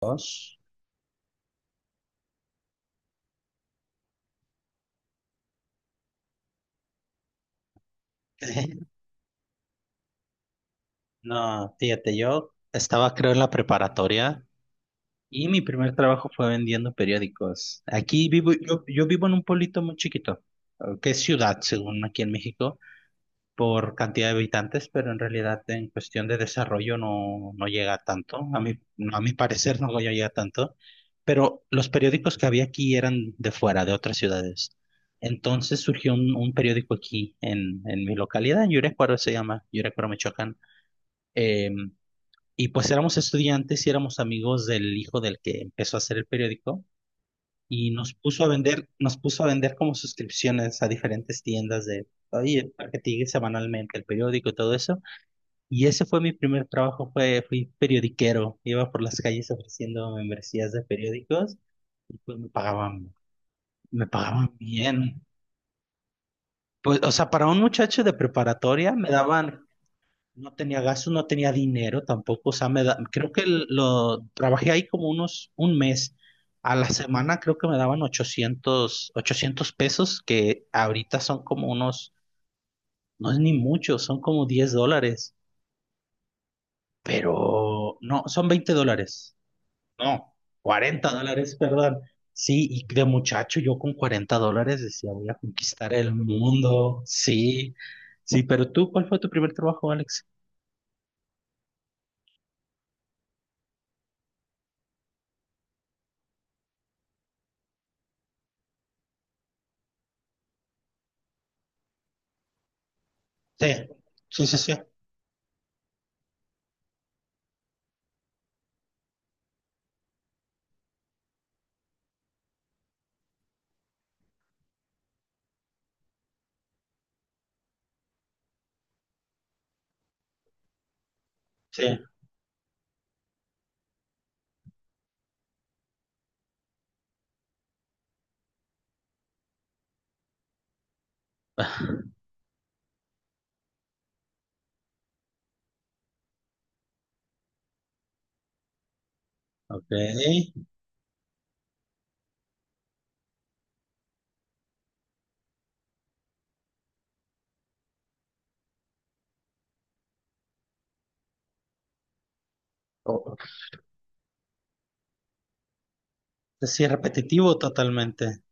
Dos. No, fíjate, yo estaba creo en la preparatoria y mi primer trabajo fue vendiendo periódicos. Aquí vivo, yo vivo en un pueblito muy chiquito, que es ciudad, según aquí en México, por cantidad de habitantes, pero en realidad en cuestión de desarrollo no, no llega tanto. A mi parecer no llega tanto, pero los periódicos que había aquí eran de fuera, de otras ciudades. Entonces surgió un periódico aquí en mi localidad, en Yurecuaro se llama, Yurecuaro, Michoacán. Eh, y pues éramos estudiantes y éramos amigos del hijo del que empezó a hacer el periódico y nos puso a vender como suscripciones a diferentes tiendas de, oye, para que te llegue semanalmente el periódico y todo eso. Y ese fue mi primer trabajo, fui periodiquero, iba por las calles ofreciendo membresías de periódicos y pues me pagaban bien. Pues, o sea, para un muchacho de preparatoria me daban. No tenía gasto, no tenía dinero tampoco, o sea, creo que lo trabajé ahí como unos un mes. A la semana creo que me daban ochocientos pesos, que ahorita son como unos, no es ni mucho, son como 10 dólares, pero no, son 20 dólares, no, 40 dólares, perdón. Sí, y de muchacho yo con 40 dólares decía, voy a conquistar el mundo, sí, sí, pero tú, ¿cuál fue tu primer trabajo, Alex? Sí, sí, sí, sí. Sí. Ok. O- sí, repetitivo totalmente.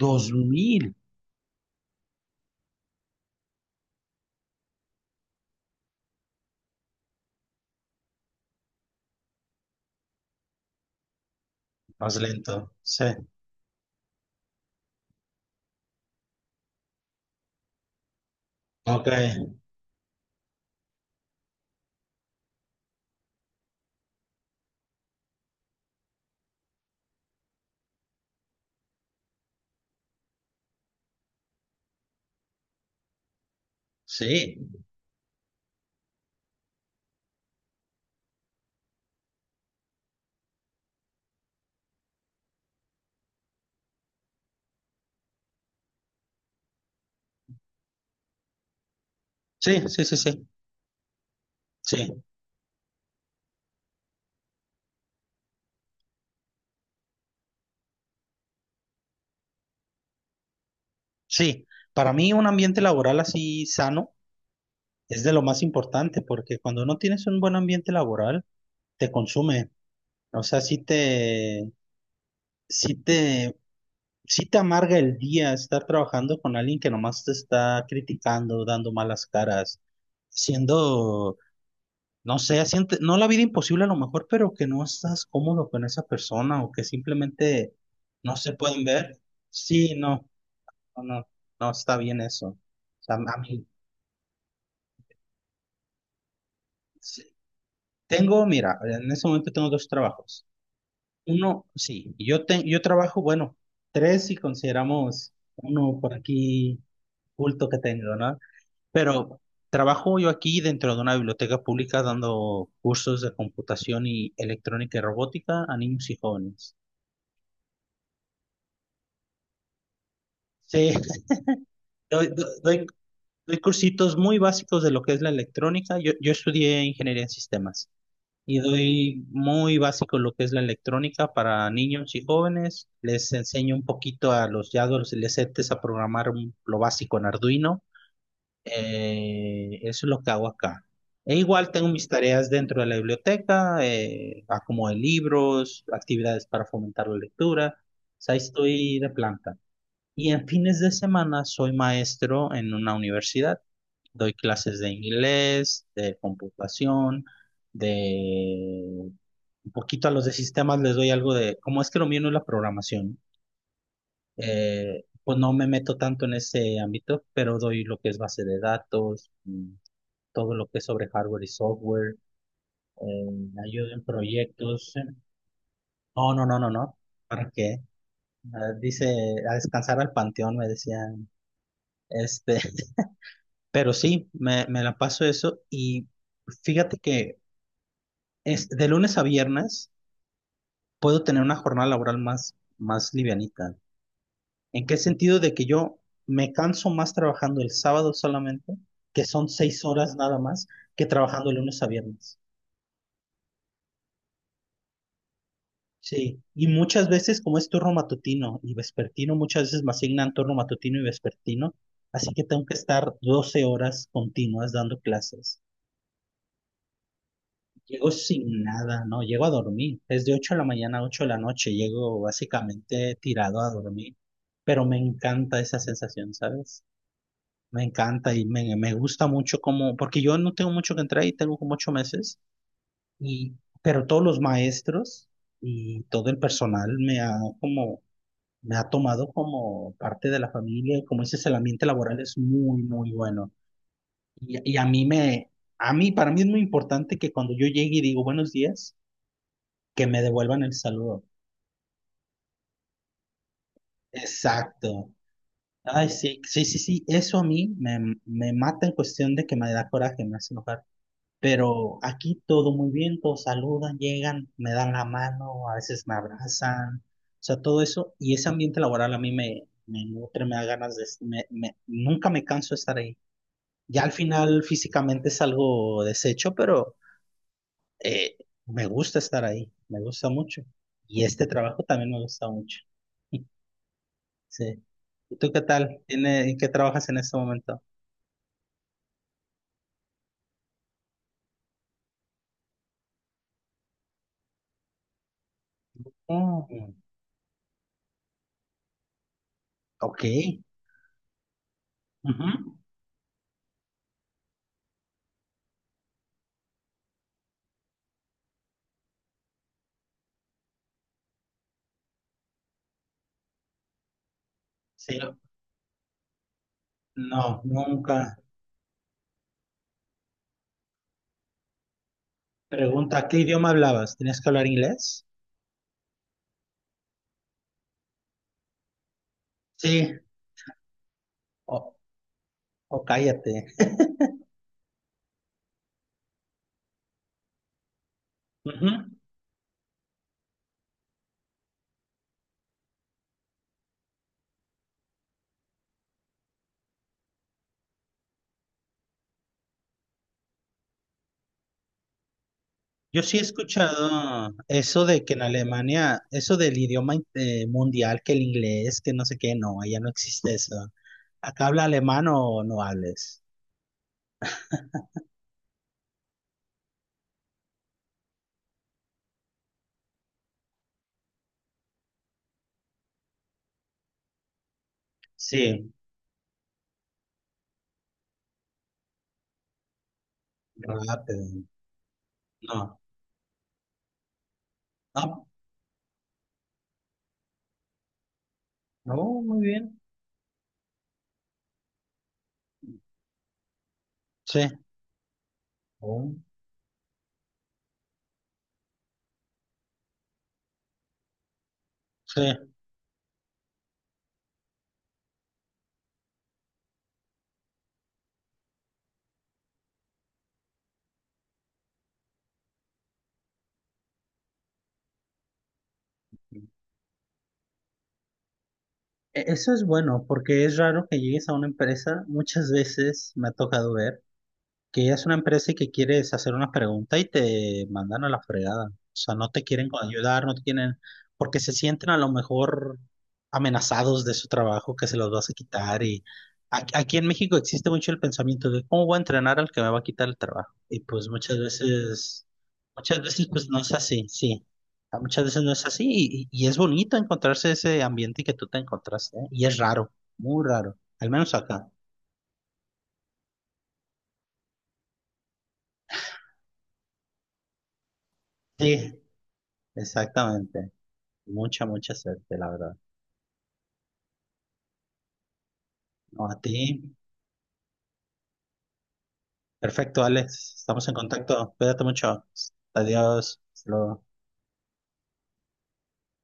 2000. Más lento. Sí. Ok. Sí. Sí, sí, sí, sí. Sí. Sí. Para mí un ambiente laboral así sano es de lo más importante porque cuando no tienes un buen ambiente laboral, te consume. O sea, sí te, sí te amarga el día estar trabajando con alguien que nomás te está criticando, dando malas caras, siendo... No sé, siente, no la vida imposible a lo mejor, pero que no estás cómodo con esa persona o que simplemente no se pueden ver. Sí, no, no, no, no está bien eso. O sea, a mí, sí. Tengo, mira, en ese momento tengo dos trabajos. Uno, sí, yo trabajo, bueno, tres si consideramos uno por aquí culto que tengo, ¿no? Pero trabajo yo aquí dentro de una biblioteca pública dando cursos de computación y electrónica y robótica a niños y jóvenes. Sí. doy, do- doy- doy cursitos muy básicos de lo que es la electrónica. Yo estudié ingeniería en sistemas y doy muy básico lo que es la electrónica para niños y jóvenes. Les enseño un poquito a los ya adolescentes a programar lo básico en Arduino. Eso es lo que hago acá. E igual tengo mis tareas dentro de la biblioteca, acomodo de libros, actividades para fomentar la lectura. O sea, ahí estoy de planta. Y en fines de semana soy maestro en una universidad. Doy clases de inglés, de computación, de un poquito a los de sistemas les doy algo de, como es que lo mío no es la programación, pues no me meto tanto en ese ámbito, pero doy lo que es base de datos, todo lo que es sobre hardware y software, ayudo en proyectos. No, no, no, no, no. ¿Para qué? Ah, dice, a descansar al panteón, me decían. Este, Pero sí, me la paso eso y fíjate que es, de lunes a viernes puedo tener una jornada laboral más livianita. ¿En qué sentido de que yo me canso más trabajando el sábado solamente, que son 6 horas nada más, que trabajando de lunes a viernes? Sí, y muchas veces como es turno matutino y vespertino, muchas veces me asignan turno matutino y vespertino, así que tengo que estar 12 horas continuas dando clases. Llego sin nada, no, llego a dormir. Es de 8 de la mañana a 8 de la noche, llego básicamente tirado a dormir. Pero me encanta esa sensación, ¿sabes? Me encanta y me gusta mucho como, porque yo no tengo mucho que entrar y tengo como 8 meses, y, pero todos los maestros y todo el personal como, me ha tomado como parte de la familia y como dices, el ambiente laboral es muy, muy bueno. Y a mí me, a mí, Para mí es muy importante que cuando yo llegue y digo buenos días, que me devuelvan el saludo. Exacto. Ay, sí, sí, sí, sí. Eso a mí me mata en cuestión de que me da coraje, me hace enojar. Pero aquí todo muy bien, todos saludan, llegan, me dan la mano, a veces me abrazan. O sea, todo eso. Y ese ambiente laboral a mí me nutre, me da ganas de... Nunca me canso de estar ahí. Ya al final físicamente es algo deshecho, pero eh, me gusta estar ahí, me gusta mucho. Y este trabajo también me gusta mucho. Sí. ¿Y tú qué tal? ¿En qué trabajas en este momento? Mm, ok. Ujú. Sí. No, nunca. Pregunta, ¿qué idioma hablabas? ¿Tenías que hablar inglés? Sí. O, o cállate. Ujú. Yo sí he escuchado eso de que en Alemania, eso del idioma mundial, que el inglés, que no sé qué, no, allá no existe eso. Acá habla alemán o no hables. Sí, rápido. No. Ah, no, muy bien. Sí. Oh, sí. Eso es bueno porque es raro que llegues a una empresa, muchas veces me ha tocado ver que ella es una empresa y que quieres hacer unas preguntas y te mandan a la fregada. O sea, no te quieren ayudar, no te quieren, porque se sienten a lo mejor amenazados de su trabajo, que se los vas a quitar. Y aquí en México existe mucho el pensamiento de cómo voy a entrenar al que me va a quitar el trabajo. Y pues muchas veces pues no es así, sí. A Muchas veces no es así y es bonito encontrarse ese ambiente que tú te encontraste, ¿eh? Y es raro, muy raro, al menos acá. Sí, exactamente. Mucha, mucha suerte, la verdad. No, a ti. Perfecto, Alex. Estamos en contacto. Cuídate mucho. Adiós. Hasta luego.